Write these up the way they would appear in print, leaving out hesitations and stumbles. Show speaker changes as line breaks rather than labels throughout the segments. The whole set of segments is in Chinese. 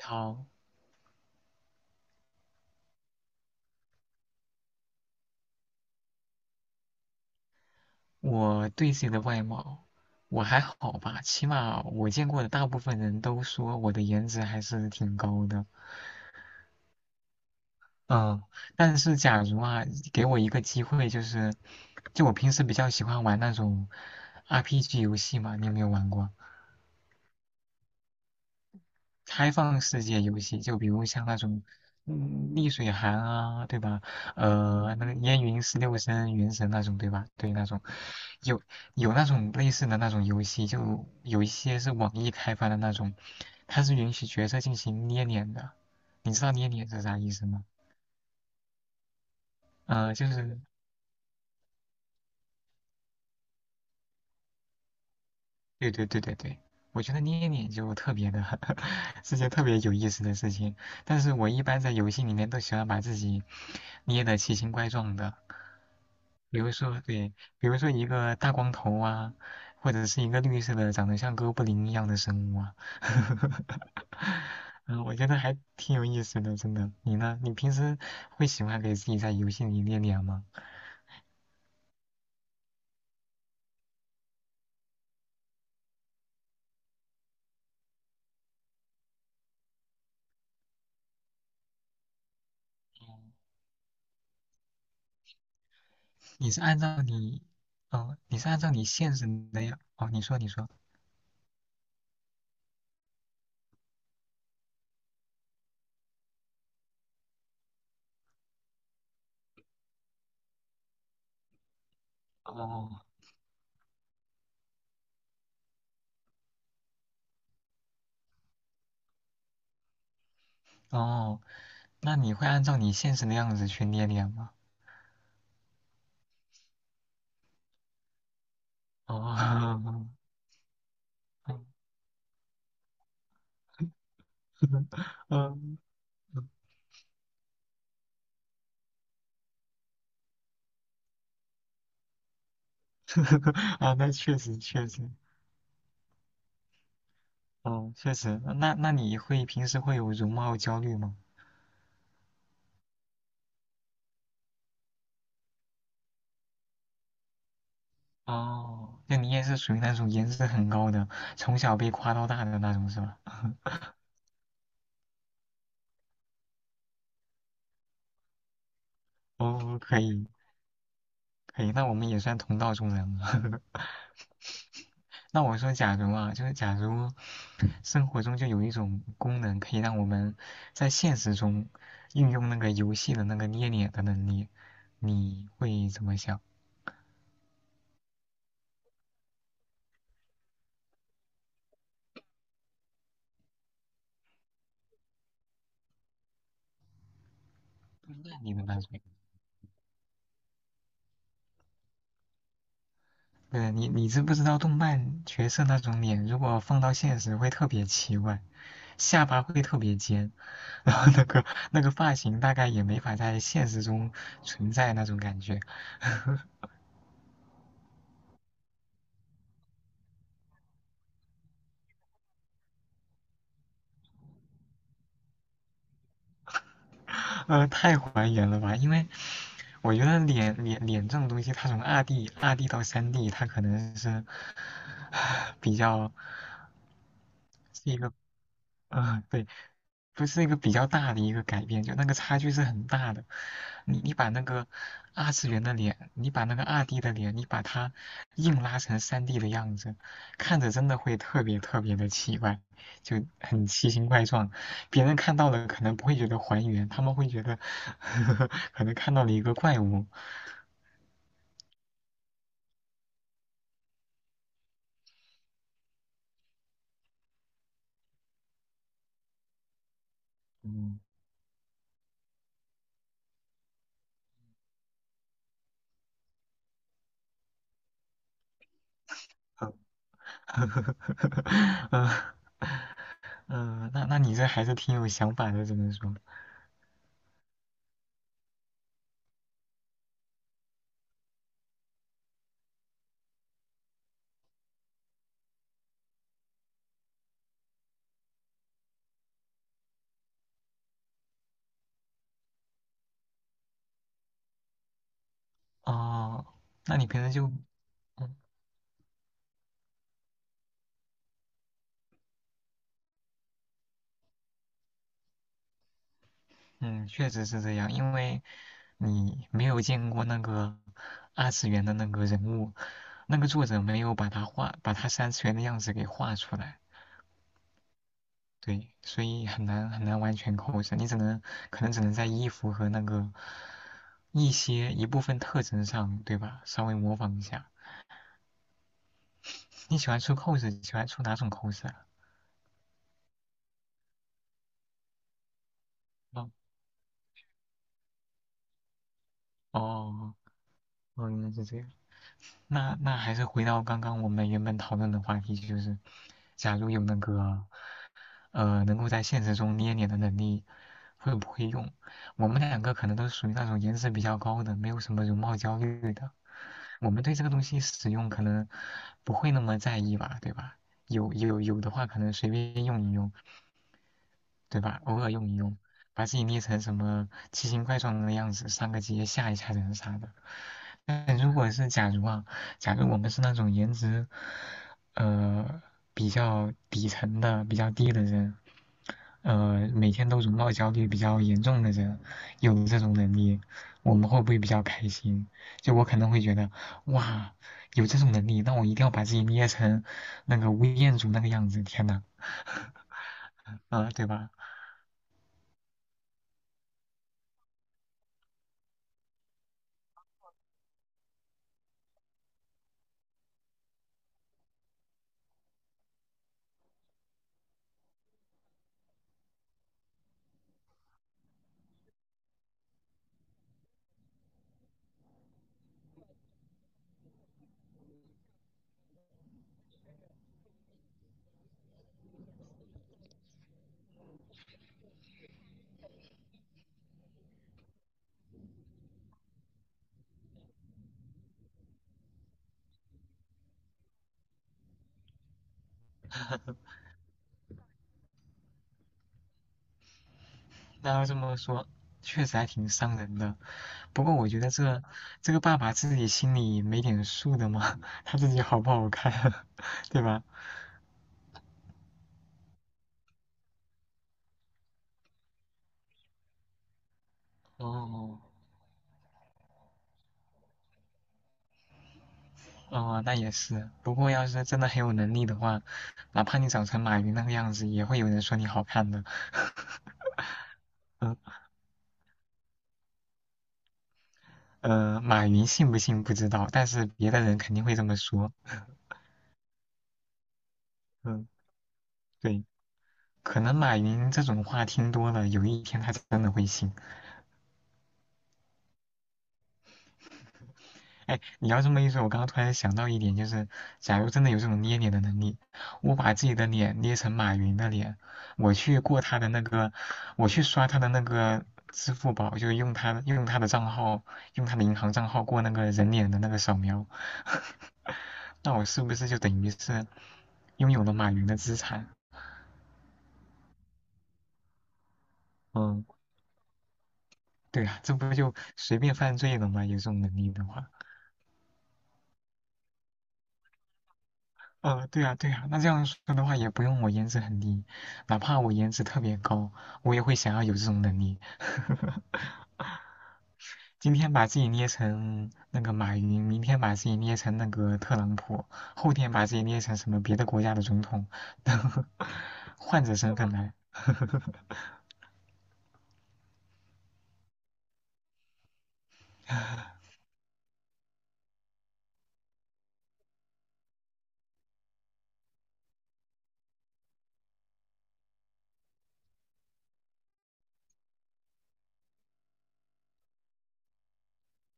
好，我对自己的外貌，我还好吧，起码我见过的大部分人都说我的颜值还是挺高的。嗯，但是假如啊，给我一个机会，就是，就我平时比较喜欢玩那种 RPG 游戏嘛，你有没有玩过？开放世界游戏，就比如像那种，逆水寒啊，对吧？那个烟云十六声、原神那种，对吧？对，那种有有那种类似的那种游戏，就有一些是网易开发的那种，它是允许角色进行捏脸的。你知道捏脸是啥意思吗？就是对对对对对，我觉得捏脸就特别的 是件特别有意思的事情，但是我一般在游戏里面都喜欢把自己捏的奇形怪状的。比如说，对，比如说一个大光头啊，或者是一个绿色的，长得像哥布林一样的生物啊，嗯，我觉得还挺有意思的，真的。你呢？你平时会喜欢给自己在游戏里练脸吗？你是按照你，哦，你是按照你现实的样，哦，你说，你说，哦，哦，那你会按照你现实的样子去练脸吗？哦，嗯，嗯，啊，那确实确实，哦，确实，那你会平时会有容貌焦虑吗？哦，那你也是属于那种颜值很高的，从小被夸到大的那种是吧？哦，可以可以，那我们也算同道中人了。那我说，假如啊，就是假如生活中就有一种功能，可以让我们在现实中运用那个游戏的那个捏脸的能力，你会怎么想？那你的那种？对，你知不知道动漫角色那种脸，如果放到现实会特别奇怪，下巴会特别尖，然后那个发型大概也没法在现实中存在那种感觉，太还原了吧？因为我觉得脸这种东西，它从二 D 到三 D，它可能是 比较是一个，嗯、对，不是一个比较大的一个改变，就那个差距是很大的。你把那个二次元的脸，你把那个二 D 的脸，你把它硬拉成三 D 的样子，看着真的会特别特别的奇怪，就很奇形怪状。别人看到了可能不会觉得还原，他们会觉得 可能看到了一个怪物。嗯，嗯 嗯，那你这还是挺有想法的，只能说。哦，那你平时就。嗯嗯，确实是这样，因为你没有见过那个二次元的那个人物，那个作者没有把他画，把他三次元的样子给画出来，对，所以很难很难完全扣上，你只能可能只能在衣服和那个一些一部分特征上，对吧？稍微模仿一下。你喜欢出 cos，喜欢出哪种扣子啊？哦哦哦，原来是这样。那还是回到刚刚我们原本讨论的话题，就是假如有那个。能够在现实中捏脸的能力会不会用。我们两个可能都属于那种颜值比较高的，没有什么容貌焦虑的。我们对这个东西使用可能不会那么在意吧，对吧？有的话，可能随便用一用，对吧？偶尔用一用，把自己捏成什么奇形怪状的样子，上个街吓一吓人啥的。但如果是假如啊，假如我们是那种颜值，呃，比较底层的、比较低的人。每天都容貌焦虑比较严重的人，有了这种能力，我们会不会比较开心？就我可能会觉得，哇，有这种能力，那我一定要把自己捏成那个吴彦祖那个样子，天呐，啊，对吧？那要这么说，确实还挺伤人的。不过我觉得这个爸爸自己心里没点数的吗？他自己好不好看，对吧？哦，哦，那也是。不过要是真的很有能力的话，哪怕你长成马云那个样子，也会有人说你好看的。嗯马云信不信不知道，但是别的人肯定会这么说。嗯，对，可能马云这种话听多了，有一天他真的会信。哎，你要这么一说，我刚刚突然想到一点，就是假如真的有这种捏脸的能力，我把自己的脸捏成马云的脸，我去过他的那个，我去刷他的那个支付宝，就用他的账号，用他的银行账号过那个人脸的那个扫描，那我是不是就等于是拥有了马云的资产？嗯，对啊，这不就随便犯罪了吗？有这种能力的话。对啊，对啊，那这样说的话，也不用我颜值很低，哪怕我颜值特别高，我也会想要有这种能力。今天把自己捏成那个马云，明天把自己捏成那个特朗普，后天把自己捏成什么别的国家的总统，换着身份来。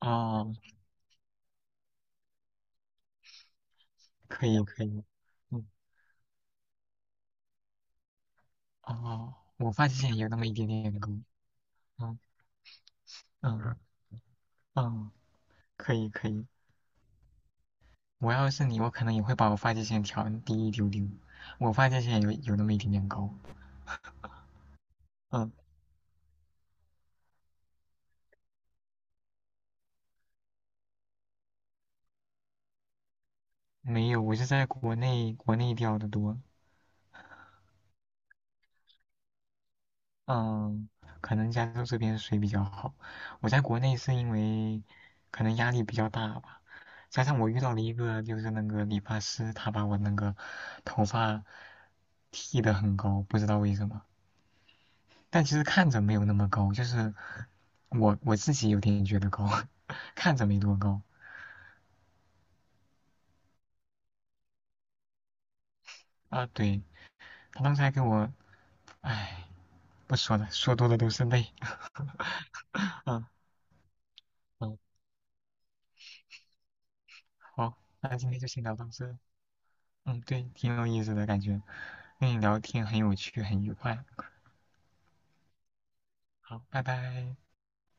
哦，可以可以，嗯，哦，我发际线有那么一点点高，嗯嗯嗯，可以可以。我要是你，我可能也会把我发际线调低一丢丢。我发际线有那么一点点高。嗯，没有，我是在国内掉的多。嗯，可能加州这边水比较好。我在国内是因为可能压力比较大吧，加上我遇到了一个就是那个理发师，他把我那个头发剃的很高，不知道为什么。但其实看着没有那么高，就是我自己有点觉得高，看着没多高啊。对，他刚才给我，唉，不说了，说多了都是泪。嗯嗯，好，那今天就先聊到这。嗯，对，挺有意思的感觉，跟你聊天很有趣，很愉快。好，拜拜。